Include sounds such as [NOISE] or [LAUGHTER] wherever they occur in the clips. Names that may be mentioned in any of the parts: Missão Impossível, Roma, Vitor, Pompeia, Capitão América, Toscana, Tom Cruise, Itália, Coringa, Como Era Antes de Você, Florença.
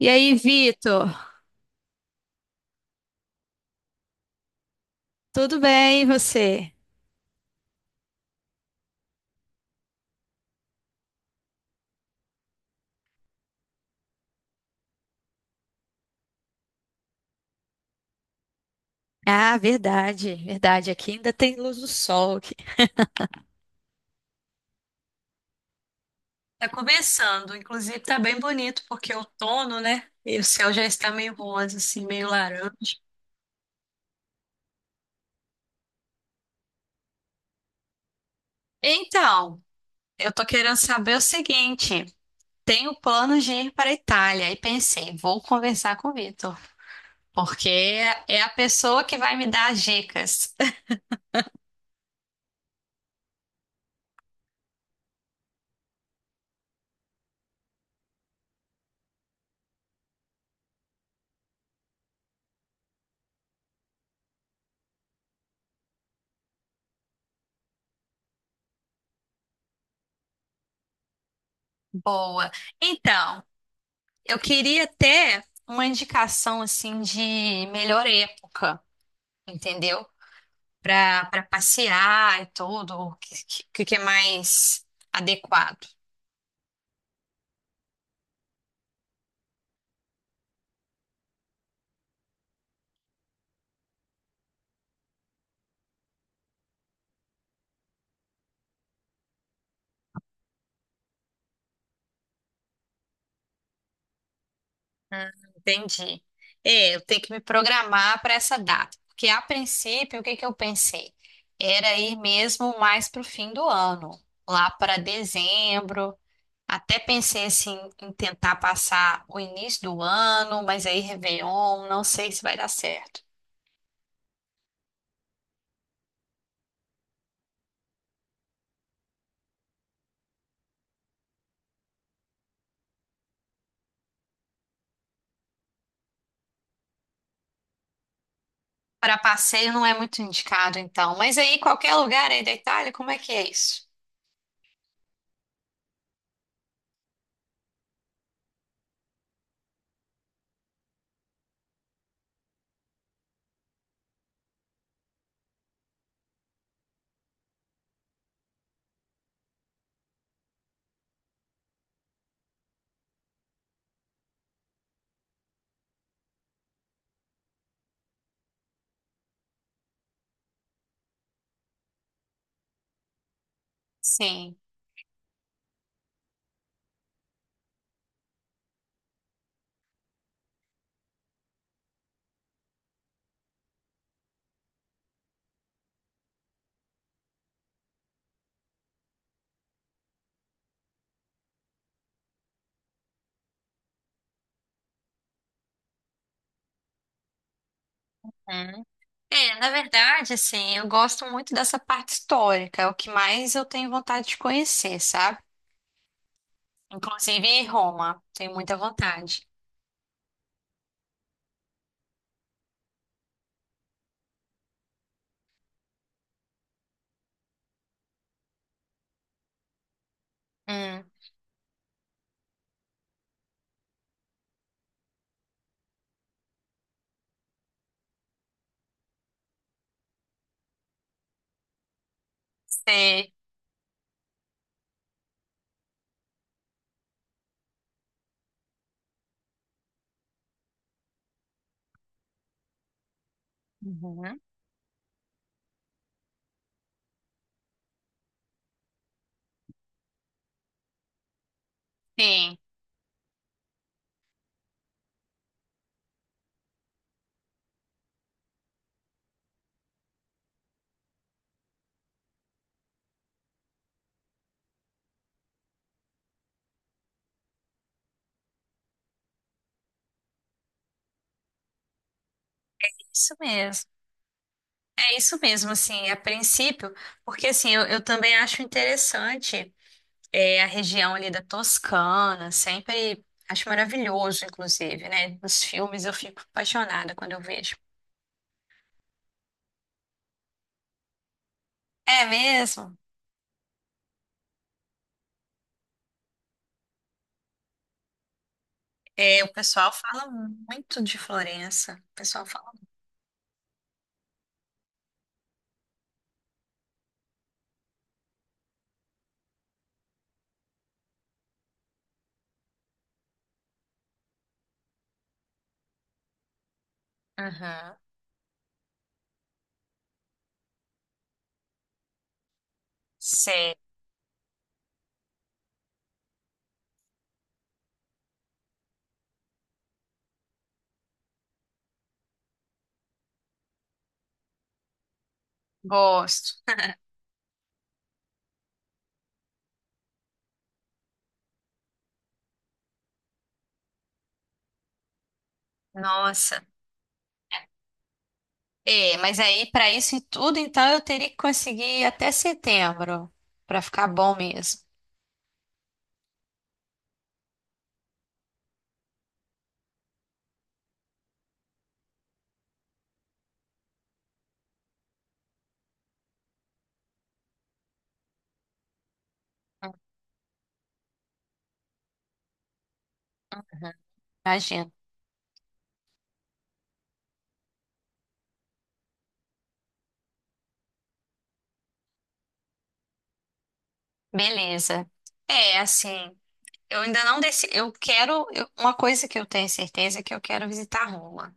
E aí, Vitor? Tudo bem, e você? Ah, verdade, verdade. Aqui ainda tem luz do sol aqui. Tá começando, inclusive tá bem bonito porque é outono, né? E o céu já está meio rosa, assim, meio laranja. Então, eu tô querendo saber o seguinte: tenho plano de ir para a Itália e pensei, vou conversar com o Vitor, porque é a pessoa que vai me dar as dicas. Boa. Então, eu queria até uma indicação assim de melhor época, entendeu? Para passear e tudo, o que é mais adequado. Hum, entendi. É, eu tenho que me programar para essa data, porque a princípio, o que que eu pensei? Era ir mesmo mais para o fim do ano, lá para dezembro. Até pensei assim em tentar passar o início do ano, mas aí Réveillon, não sei se vai dar certo. Para passeio não é muito indicado, então. Mas aí, qualquer lugar aí da Itália, como é que é isso? Sim. Hum. É, na verdade, assim, eu gosto muito dessa parte histórica, é o que mais eu tenho vontade de conhecer, sabe? Inclusive em Roma, tenho muita vontade. Hum. Sei. Uhum. Sim. Isso mesmo, é isso mesmo, assim, a princípio, porque assim, eu também acho interessante. É, a região ali da Toscana, sempre acho maravilhoso, inclusive, né? Nos filmes eu fico apaixonada quando eu vejo. É mesmo? É, o pessoal fala muito de Florença. O pessoal fala. Aham. Sei, gosto. [LAUGHS] Nossa. É, mas aí para isso e tudo, então eu teria que conseguir ir até setembro para ficar bom mesmo. Imagina. Beleza. É, assim, eu ainda não decidi. Eu quero. Uma coisa que eu tenho certeza é que eu quero visitar Roma,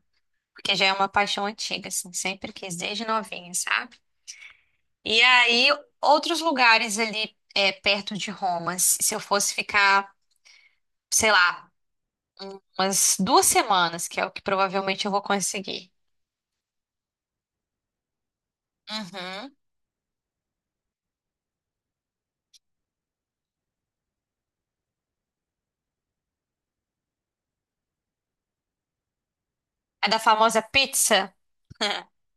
porque já é uma paixão antiga, assim, sempre quis, desde novinha, sabe? E aí, outros lugares ali é, perto de Roma, se eu fosse ficar, sei lá, umas duas semanas, que é o que provavelmente eu vou conseguir. Uhum. É da famosa pizza? [LAUGHS]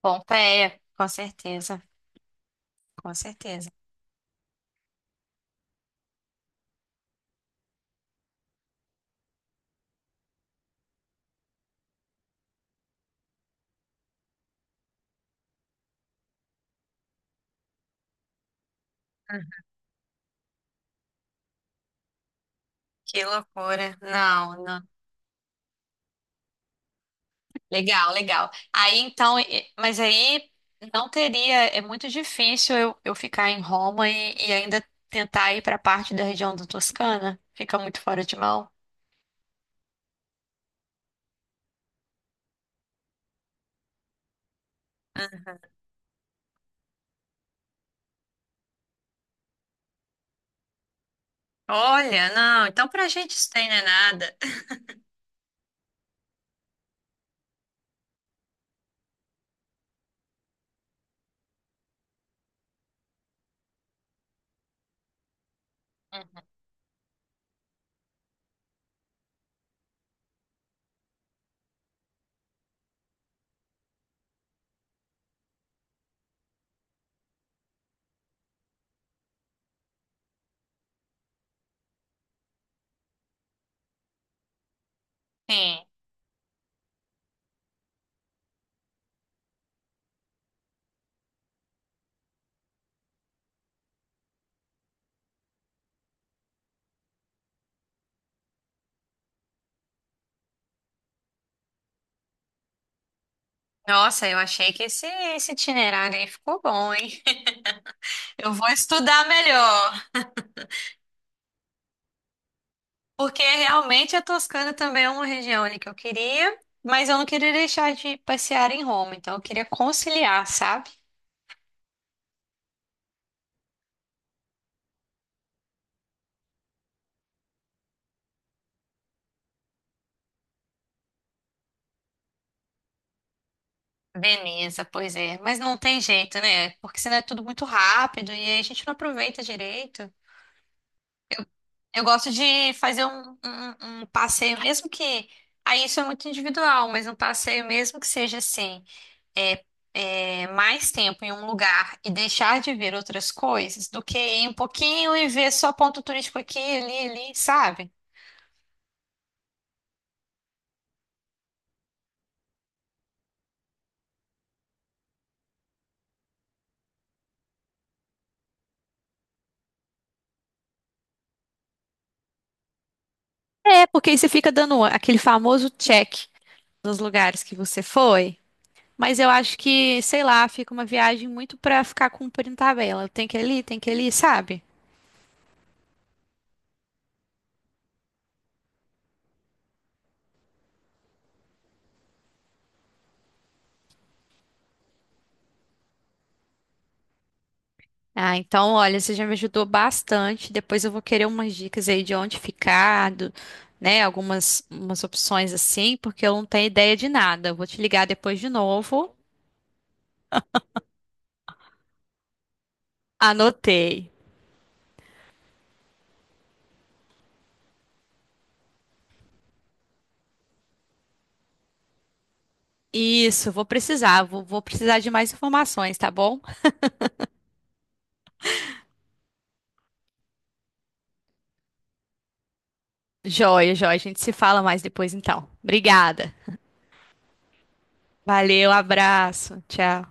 Pompeia, com certeza, com certeza. Uhum. Que loucura. Não, não. Legal, legal. Aí então, mas aí não teria, é muito difícil eu ficar em Roma e ainda tentar ir para a parte da região da Toscana. Fica muito fora de mão. Olha, não, então pra gente isso daí não é nada. Uhum. Sim. Nossa, eu achei que esse itinerário aí ficou bom, hein? [LAUGHS] Eu vou estudar melhor, porque realmente a Toscana também é uma região ali que eu queria, mas eu não queria deixar de passear em Roma, então eu queria conciliar, sabe? Beleza, pois é. Mas não tem jeito, né? Porque senão é tudo muito rápido e aí a gente não aproveita direito. Eu gosto de fazer um passeio, mesmo que. Aí isso é muito individual, mas um passeio, mesmo que seja assim, é, é, mais tempo em um lugar e deixar de ver outras coisas do que ir um pouquinho e ver só ponto turístico aqui, ali, ali, sabe? É, porque aí você fica dando aquele famoso check nos lugares que você foi. Mas eu acho que, sei lá, fica uma viagem muito pra ficar cumprindo tabela. Tem que ir ali, tem que ir ali, sabe? Ah, então, olha, você já me ajudou bastante. Depois eu vou querer umas dicas aí de onde ficar, do- né? Algumas umas opções assim, porque eu não tenho ideia de nada. Eu vou te ligar depois de novo. Anotei. Isso, vou precisar. Vou precisar de mais informações, tá bom? Joia, joia. A gente se fala mais depois então. Obrigada. Valeu, abraço. Tchau.